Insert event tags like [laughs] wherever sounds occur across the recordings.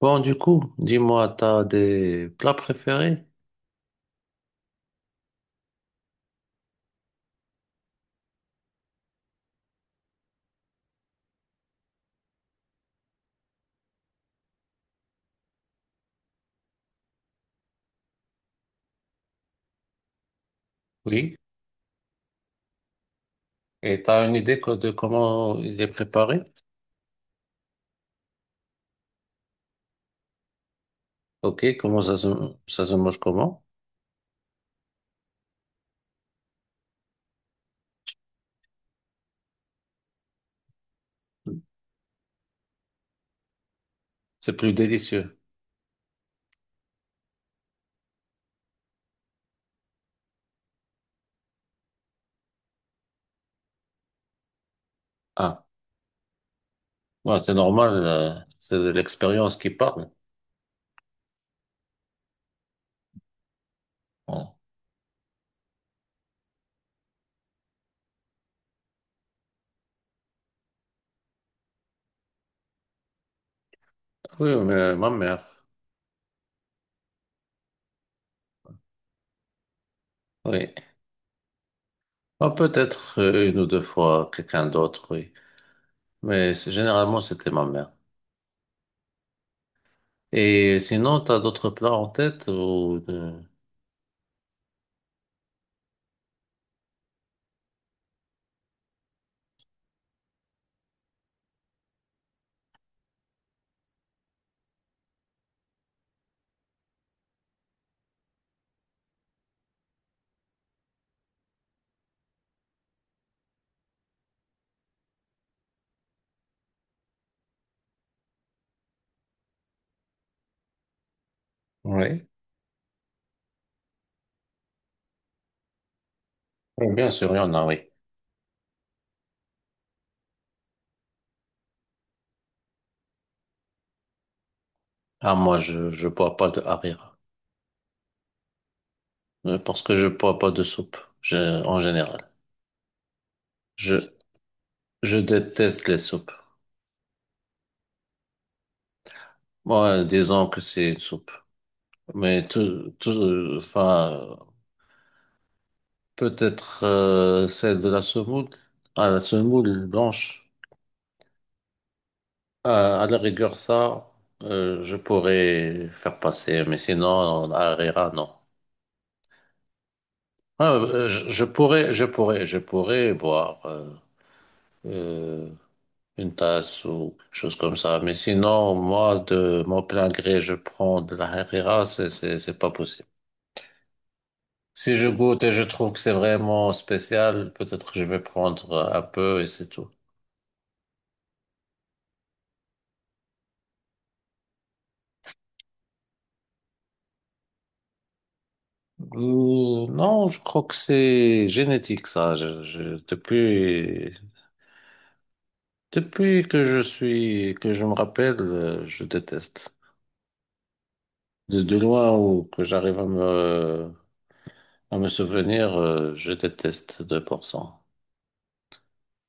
Bon, du coup, dis-moi, t'as des plats préférés? Oui. Et t'as une idée de comment il est préparé? Ok, ça se mange comment? C'est plus délicieux. Ah, ouais, c'est normal, c'est de l'expérience qui parle. Bon. Oui, mais ma mère, oui. Ah, peut-être une ou deux fois quelqu'un d'autre, oui. Mais généralement, c'était ma mère. Et sinon, t'as d'autres plats en tête ou de... Oui. Oui, bien sûr, il y en a, oui. Ah, moi, je bois pas de harira. Parce que je bois pas de soupe, je, en général. Je, je déteste les soupes. Moi, disons que c'est une soupe. Mais enfin, peut-être celle de la semoule, à la semoule blanche. À la rigueur, ça, je pourrais faire passer. Mais sinon, à Herrera, non. Ah, je pourrais boire. Euh, une tasse ou quelque chose comme ça. Mais sinon, moi, de mon plein gré, je prends de la Herrera, c'est pas possible. Si je goûte et je trouve que c'est vraiment spécial, peut-être que je vais prendre un peu et c'est tout. Non, je crois que c'est génétique, ça. Depuis, depuis que que je me rappelle, je déteste. De loin ou que j'arrive à à me souvenir, je déteste 2%.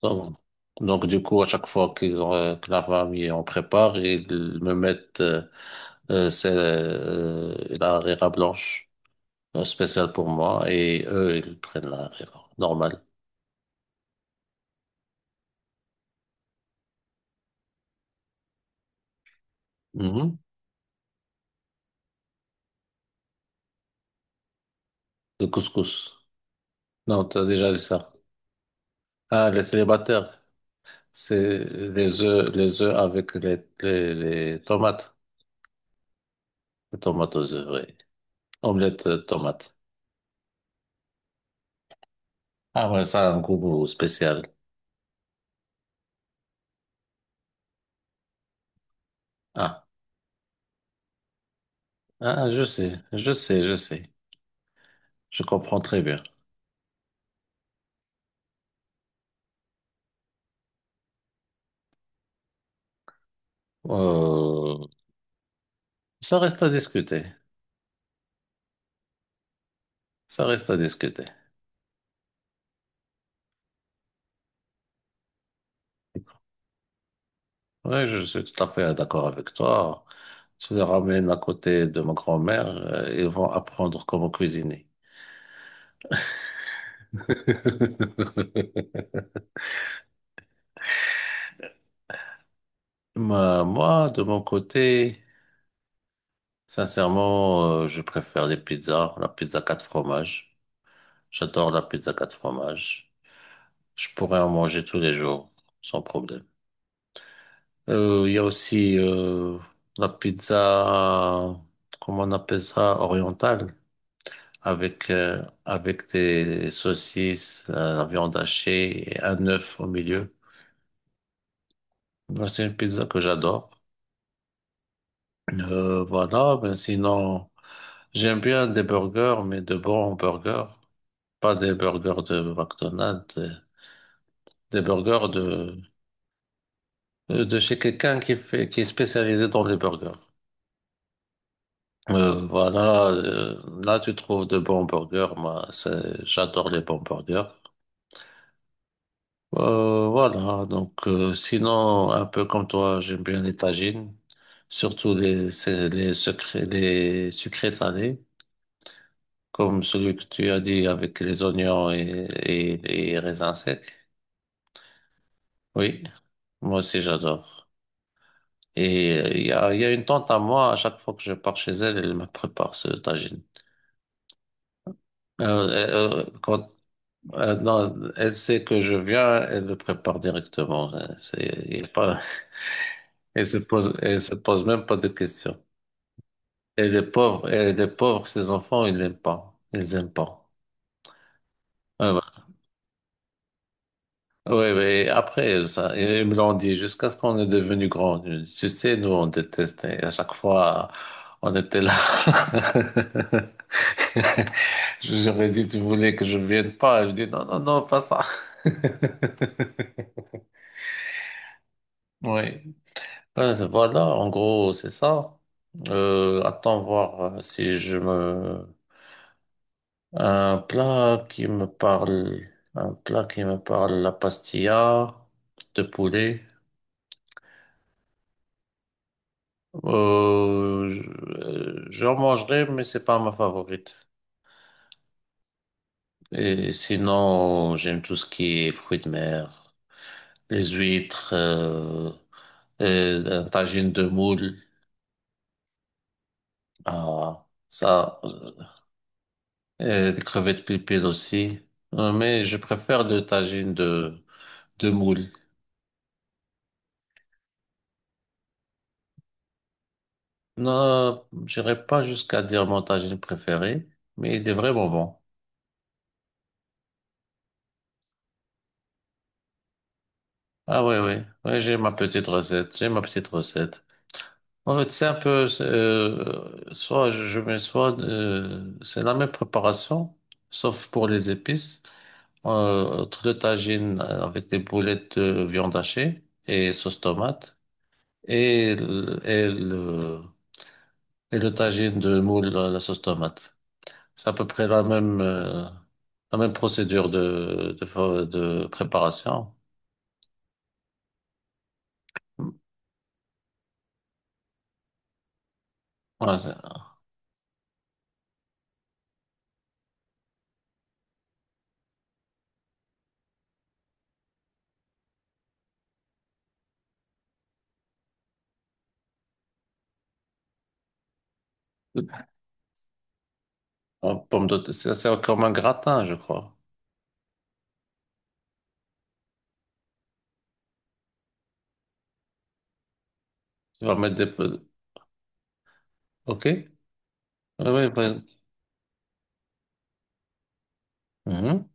Donc, donc, du coup, à chaque fois que la famille en prépare, ils me mettent la harira blanche spéciale pour moi et eux, ils prennent la harira normale. Mhm. Le couscous. Non, t'as déjà dit ça. Ah, les célibataires, c'est les œufs, les tomates. Les tomates aux œufs, oui. Omelette tomate. Ah ouais, ça a un goût spécial. Ah, je sais. Je comprends très bien. Euh, Ça reste à discuter. Ça reste à discuter. Oui, je suis tout à fait d'accord avec toi. Tu les ramènes à côté de ma grand-mère, ils vont apprendre comment cuisiner. [laughs] Moi, de mon côté, sincèrement, je préfère les pizzas, la pizza quatre fromages. J'adore la pizza quatre fromages. Je pourrais en manger tous les jours, sans problème. Il y a aussi la pizza, comment on appelle ça, orientale. Avec, avec des saucisses, la viande hachée et un œuf au milieu. Ben, c'est une pizza que j'adore. Voilà, ben sinon, j'aime bien des burgers, mais de bons burgers. Pas des burgers de McDonald's, des burgers de chez quelqu'un qui fait, qui est spécialisé dans les burgers. Voilà, là tu trouves de bons burgers. Moi, j'adore les bons burgers. Voilà, donc sinon, un peu comme toi, j'aime bien les tagines, surtout les, secrets, les sucrés salés, comme celui que tu as dit avec les oignons et les raisins secs. Oui, moi aussi j'adore. Et il y a une tante à moi, à chaque fois que je pars chez elle, elle me prépare ce tagine. Euh, euh, quand, non, elle sait que je viens, elle le prépare directement. Hein. Il y a pas, [laughs] elle se pose même pas de questions. Et les pauvres, ces enfants, ils n'aiment pas. Ils aiment pas. Ouais, ouais. Ouais, ouais, après, ça, ils me l'ont dit jusqu'à ce qu'on est devenu grand. Tu sais, nous, on détestait. À chaque fois, on était là. [laughs] J'aurais dit, tu voulais que je vienne pas. Elle me dit, non, non, non, pas ça. [laughs] Oui. Ben, voilà, en gros, c'est ça. Attends voir si je me, un plat qui me parle, un plat qui me parle, la pastilla de poulet. Euh, je- J'en mangerai, mais c'est pas ma favorite. Et sinon, j'aime tout ce qui est fruits de mer, les huîtres, et un tagine de moule, ah, ça, et des crevettes pilpil aussi. Mais je préfère le tagine de moule. Non, j'irai pas jusqu'à dire mon tagine préféré, mais il est vraiment bon. Ah oui, oui, j'ai ma petite recette. En fait, c'est un peu, soit je mets soit, c'est la même préparation, sauf pour les épices. Entre le tagine avec des boulettes de viande hachée et sauce tomate, et, et le tagine de moule à la sauce tomate. C'est à peu près la même procédure de, de préparation. Ouais, en pomme de terre, c'est comme un gratin, je crois. Tu vas mettre des peu, ok? Oui, oui. Mhm.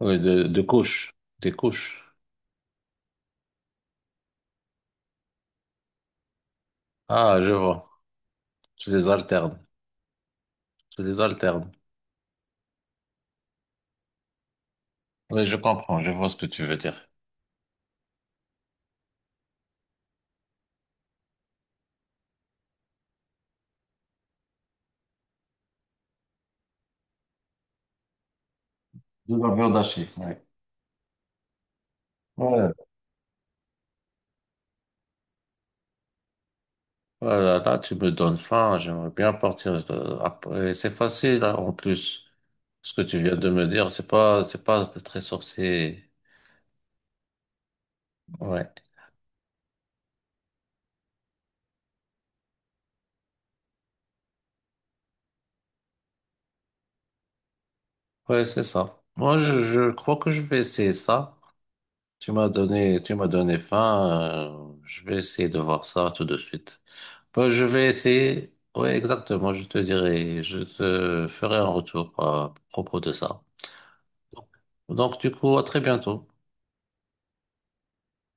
Oui, de couches, des couches. Ah, je vois. Tu les alternes, tu les alternes. Oui, je comprends, je vois ce que tu veux dire. De la viande hachée, ouais. Ouais. Voilà, là, tu me donnes faim, j'aimerais bien partir. Après. C'est facile, hein, en plus. Ce que tu viens de me dire, c'est pas très sorcier. Ouais. Ouais, c'est ça. Moi, je crois que je vais essayer ça. Tu m'as donné faim. Je vais essayer de voir ça tout de suite. Bah, je vais essayer. Ouais, exactement. Je te dirai, je te ferai un retour à propos de ça. Donc, du coup, à très bientôt.